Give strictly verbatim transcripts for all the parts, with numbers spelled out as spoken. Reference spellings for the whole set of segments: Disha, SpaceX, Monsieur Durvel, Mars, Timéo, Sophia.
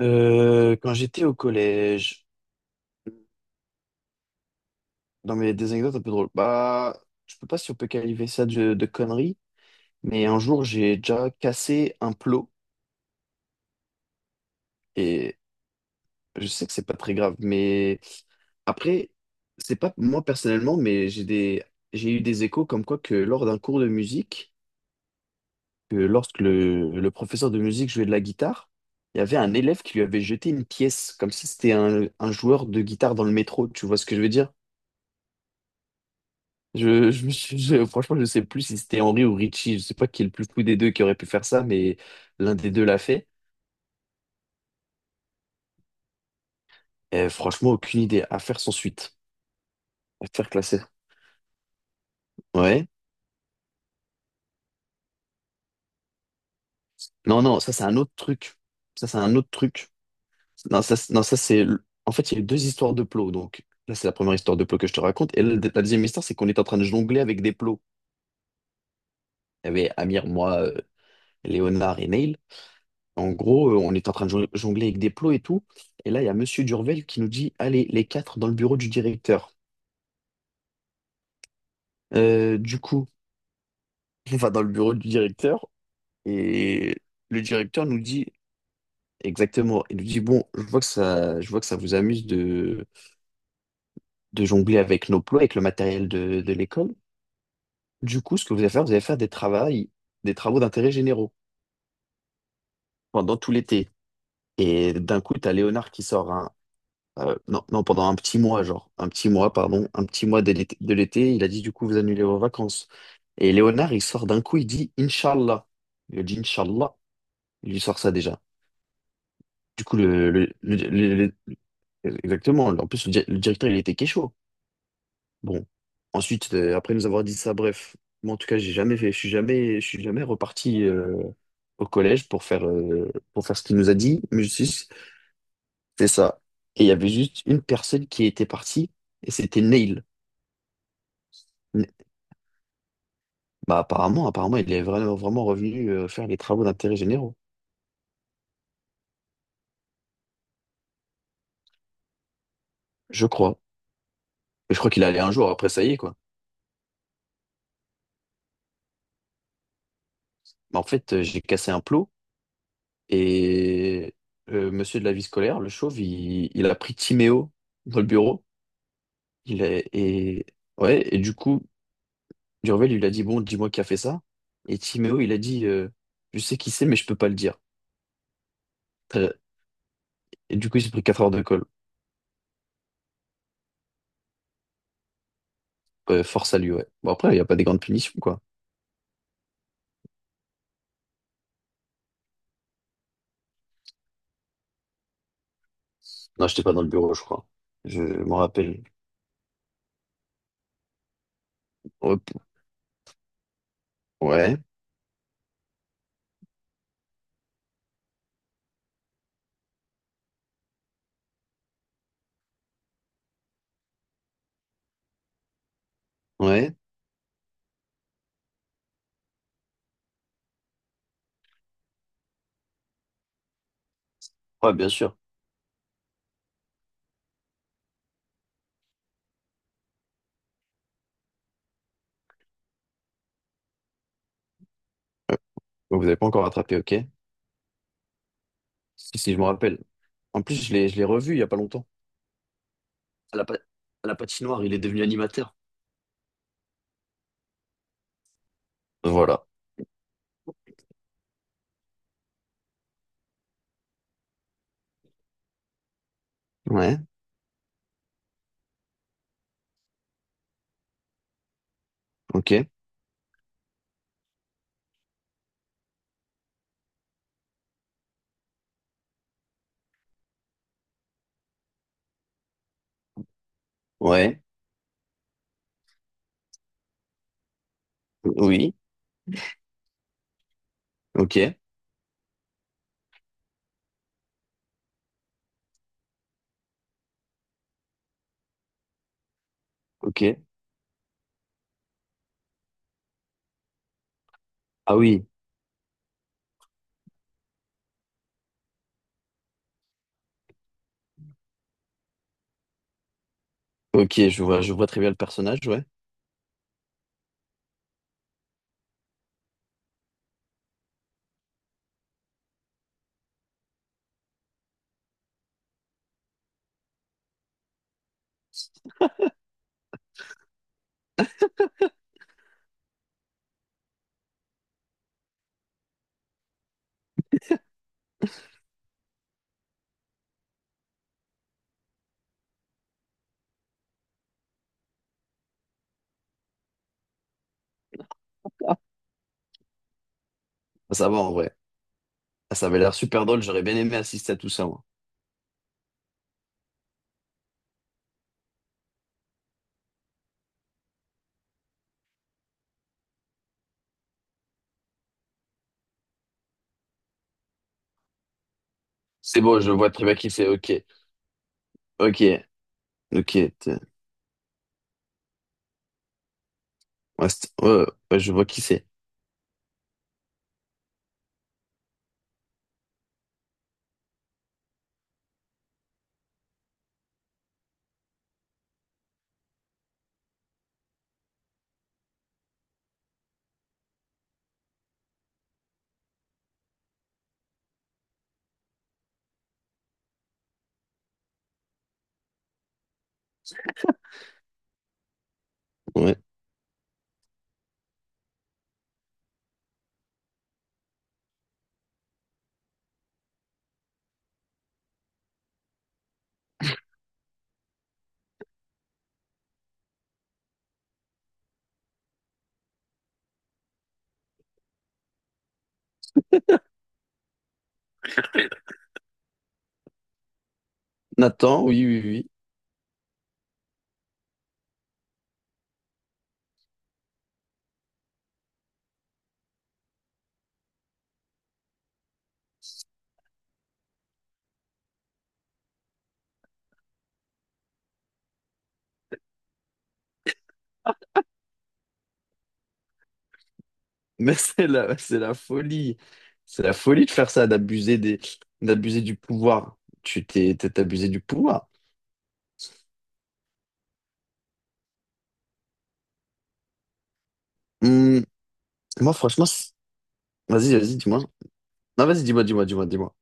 Euh, quand j'étais au collège, dans mes des anecdotes un peu drôles, bah, je peux pas si on peut qualifier ça de, de conneries, mais un jour j'ai déjà cassé un plot et je sais que c'est pas très grave, mais après, c'est pas moi personnellement, mais j'ai des, j'ai eu des échos comme quoi que lors d'un cours de musique, que lorsque le, le professeur de musique jouait de la guitare, il y avait un élève qui lui avait jeté une pièce, comme si c'était un, un joueur de guitare dans le métro, tu vois ce que je veux dire? Je, je, me suis- je- Franchement, je sais plus si c'était Henry ou Richie. Je sais pas qui est le plus fou des deux qui aurait pu faire ça, mais l'un des deux l'a fait. Et franchement, aucune idée. À faire sans suite. À faire classer. Ouais. Non, non, ça, c'est un autre truc. Ça, c'est un autre truc. Non, ça, c'est- non, ça, c'est. Le- En fait, il y a eu deux histoires de plots. Donc, là, c'est la première histoire de plots que je te raconte. Et là, la deuxième histoire, c'est qu'on était en train de jongler avec des plots. Il y avait Amir, moi, euh, Léonard et Neil. En gros, euh, on était en train de jo- jongler avec des plots et tout. Et là, il y a Monsieur Durvel qui nous dit, allez, les quatre dans le bureau du directeur. Euh, du coup, on va dans le bureau du directeur et le directeur nous dit exactement, il nous dit, bon, je vois que ça, je vois que ça vous amuse de, de jongler avec nos plots, avec le matériel de, de l'école. Du coup, ce que vous allez faire, vous allez faire des travaux, des travaux d'intérêt généraux pendant tout l'été. Et d'un coup, t'as Léonard qui sort un, euh, non, non, pendant un petit mois, genre, un petit mois, pardon, un petit mois de l'été, de l'été, il a dit, du coup, vous annulez vos vacances. Et Léonard, il sort d'un coup, il dit, Inch'Allah. Il dit, Inch'Allah, il lui sort ça déjà. Du coup, le, le- le- le- le- Exactement. En plus, le, di- le directeur, il était Kécho. Bon. Ensuite, euh, après nous avoir dit ça, bref. Moi, en tout cas, j'ai jamais fait, je suis jamais, je suis jamais reparti euh, au collège pour faire, euh, pour faire ce qu'il nous a dit. Mais je suis, c'est ça. Et il y avait juste une personne qui était partie, et c'était Neil. Ne- Bah, apparemment, apparemment, il est vraiment, vraiment revenu euh, faire les travaux d'intérêt généraux. Je crois. Et je crois qu'il allait un jour, après, ça y est, quoi. Mais en fait, euh, j'ai cassé un plot. Et euh, monsieur de la vie scolaire, le chauve, il, il a pris Timéo dans le bureau. Il est, et, ouais, et du coup, Durvel, il lui a dit, bon, dis-moi qui a fait ça. Et Timéo, il a dit, euh, je sais qui c'est, mais je peux pas le dire. Très- Et du coup, il s'est pris quatre heures de colle. Euh, force à lui, ouais. Bon, après, il n'y a pas des grandes punitions, quoi. Non, j'étais pas dans le bureau, je crois. Je m'en rappelle. Hop. Ouais, ouais, ouais, bien sûr. Ouais. Donc, vous n'avez pas encore rattrapé, ok? Si, si, je me rappelle. En plus, je l'ai, je l'ai revu il y a pas longtemps. À la, pa- à la patinoire, il est devenu animateur. Voilà. Ouais, ok. Ouais. Oui. Ok. Ok. Ah oui. Ok, je vois, je vois très bien le personnage, ouais. Ah, ça va en vrai. Ah, ça avait l'air super drôle, j'aurais bien aimé assister à tout ça, moi. C'est bon, je vois très bien qui c'est, ok. Ok. Ok. t'es- Ouais, c'est- ouais, ouais, je vois qui c'est. Ouais. Nathan, oui, oui, oui. Mais c'est la, c'est la folie. C'est la folie de faire ça, d'abuser des, d'abuser du pouvoir. Tu t'es, t'es abusé du pouvoir. Hum, moi, franchement, c'est- Vas-y, vas-y, dis-moi. Non, vas-y, dis-moi, dis-moi, dis-moi, dis-moi.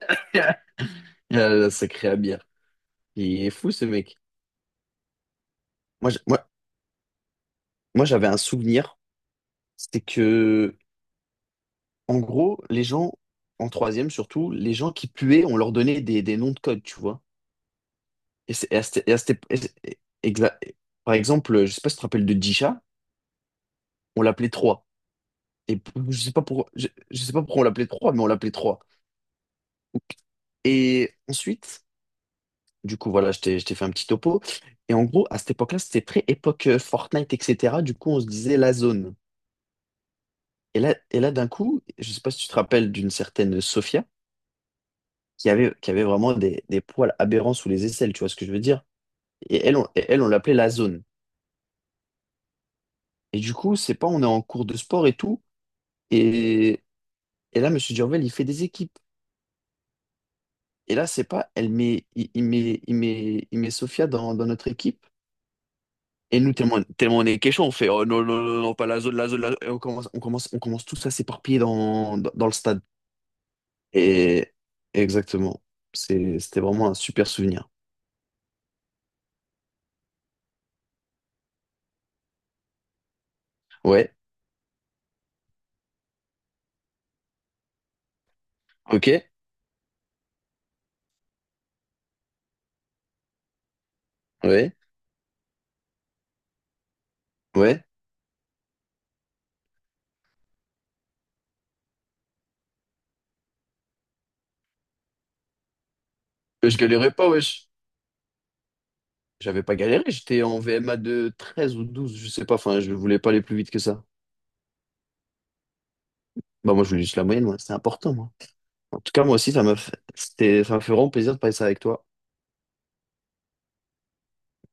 Il y a le sacré Amir. Il est fou, ce mec. Moi, j'- moi, Moi j'avais un souvenir. C'était que, en gros, les gens, en troisième surtout, les gens qui puaient, on leur donnait des, des noms de code, tu vois. Et, c'est- et à cette- et à cette- et c'est- et- exa- et- Par exemple, je sais pas si tu te rappelles de Disha, on l'appelait trois. Et p- je sais pas pourquoi, je, je sais pas pourquoi on l'appelait trois mais on l'appelait trois. Et ensuite, du coup, voilà, je t'ai, je t'ai fait un petit topo. Et en gros, à cette époque-là, c'était très époque euh, Fortnite, et cetera. Du coup, on se disait la zone. Et là, et là d'un coup, je sais pas si tu te rappelles d'une certaine Sophia qui avait, qui avait vraiment des, des poils aberrants sous les aisselles, tu vois ce que je veux dire? Et elle, on, et elle, on l'appelait la zone. Et du coup, c'est pas, on est en cours de sport et tout. Et, et là, Monsieur Durvel, il fait des équipes. Et là, c'est pas, elle met, il, il met, il met, il met Sophia dans, dans notre équipe. Et nous, tellement, tellement on est quechua, on fait oh non, non, non, non, pas la zone, la zone, la zone. Et on commence, on commence, on commence tous à s'éparpiller dans, dans, dans le stade. Et exactement. C'est, c'était vraiment un super souvenir. Ouais, ok, ouais, ouais. Euh, Je galérais pas, wesh. J'avais pas galéré, j'étais en V M A de treize ou douze je sais pas, enfin, je voulais pas aller plus vite que ça. Bah, moi, je voulais juste la moyenne, moi, c'est important, moi. En tout cas, moi aussi, ça m'a fait, c'était, ça m'a fait vraiment plaisir de passer avec toi.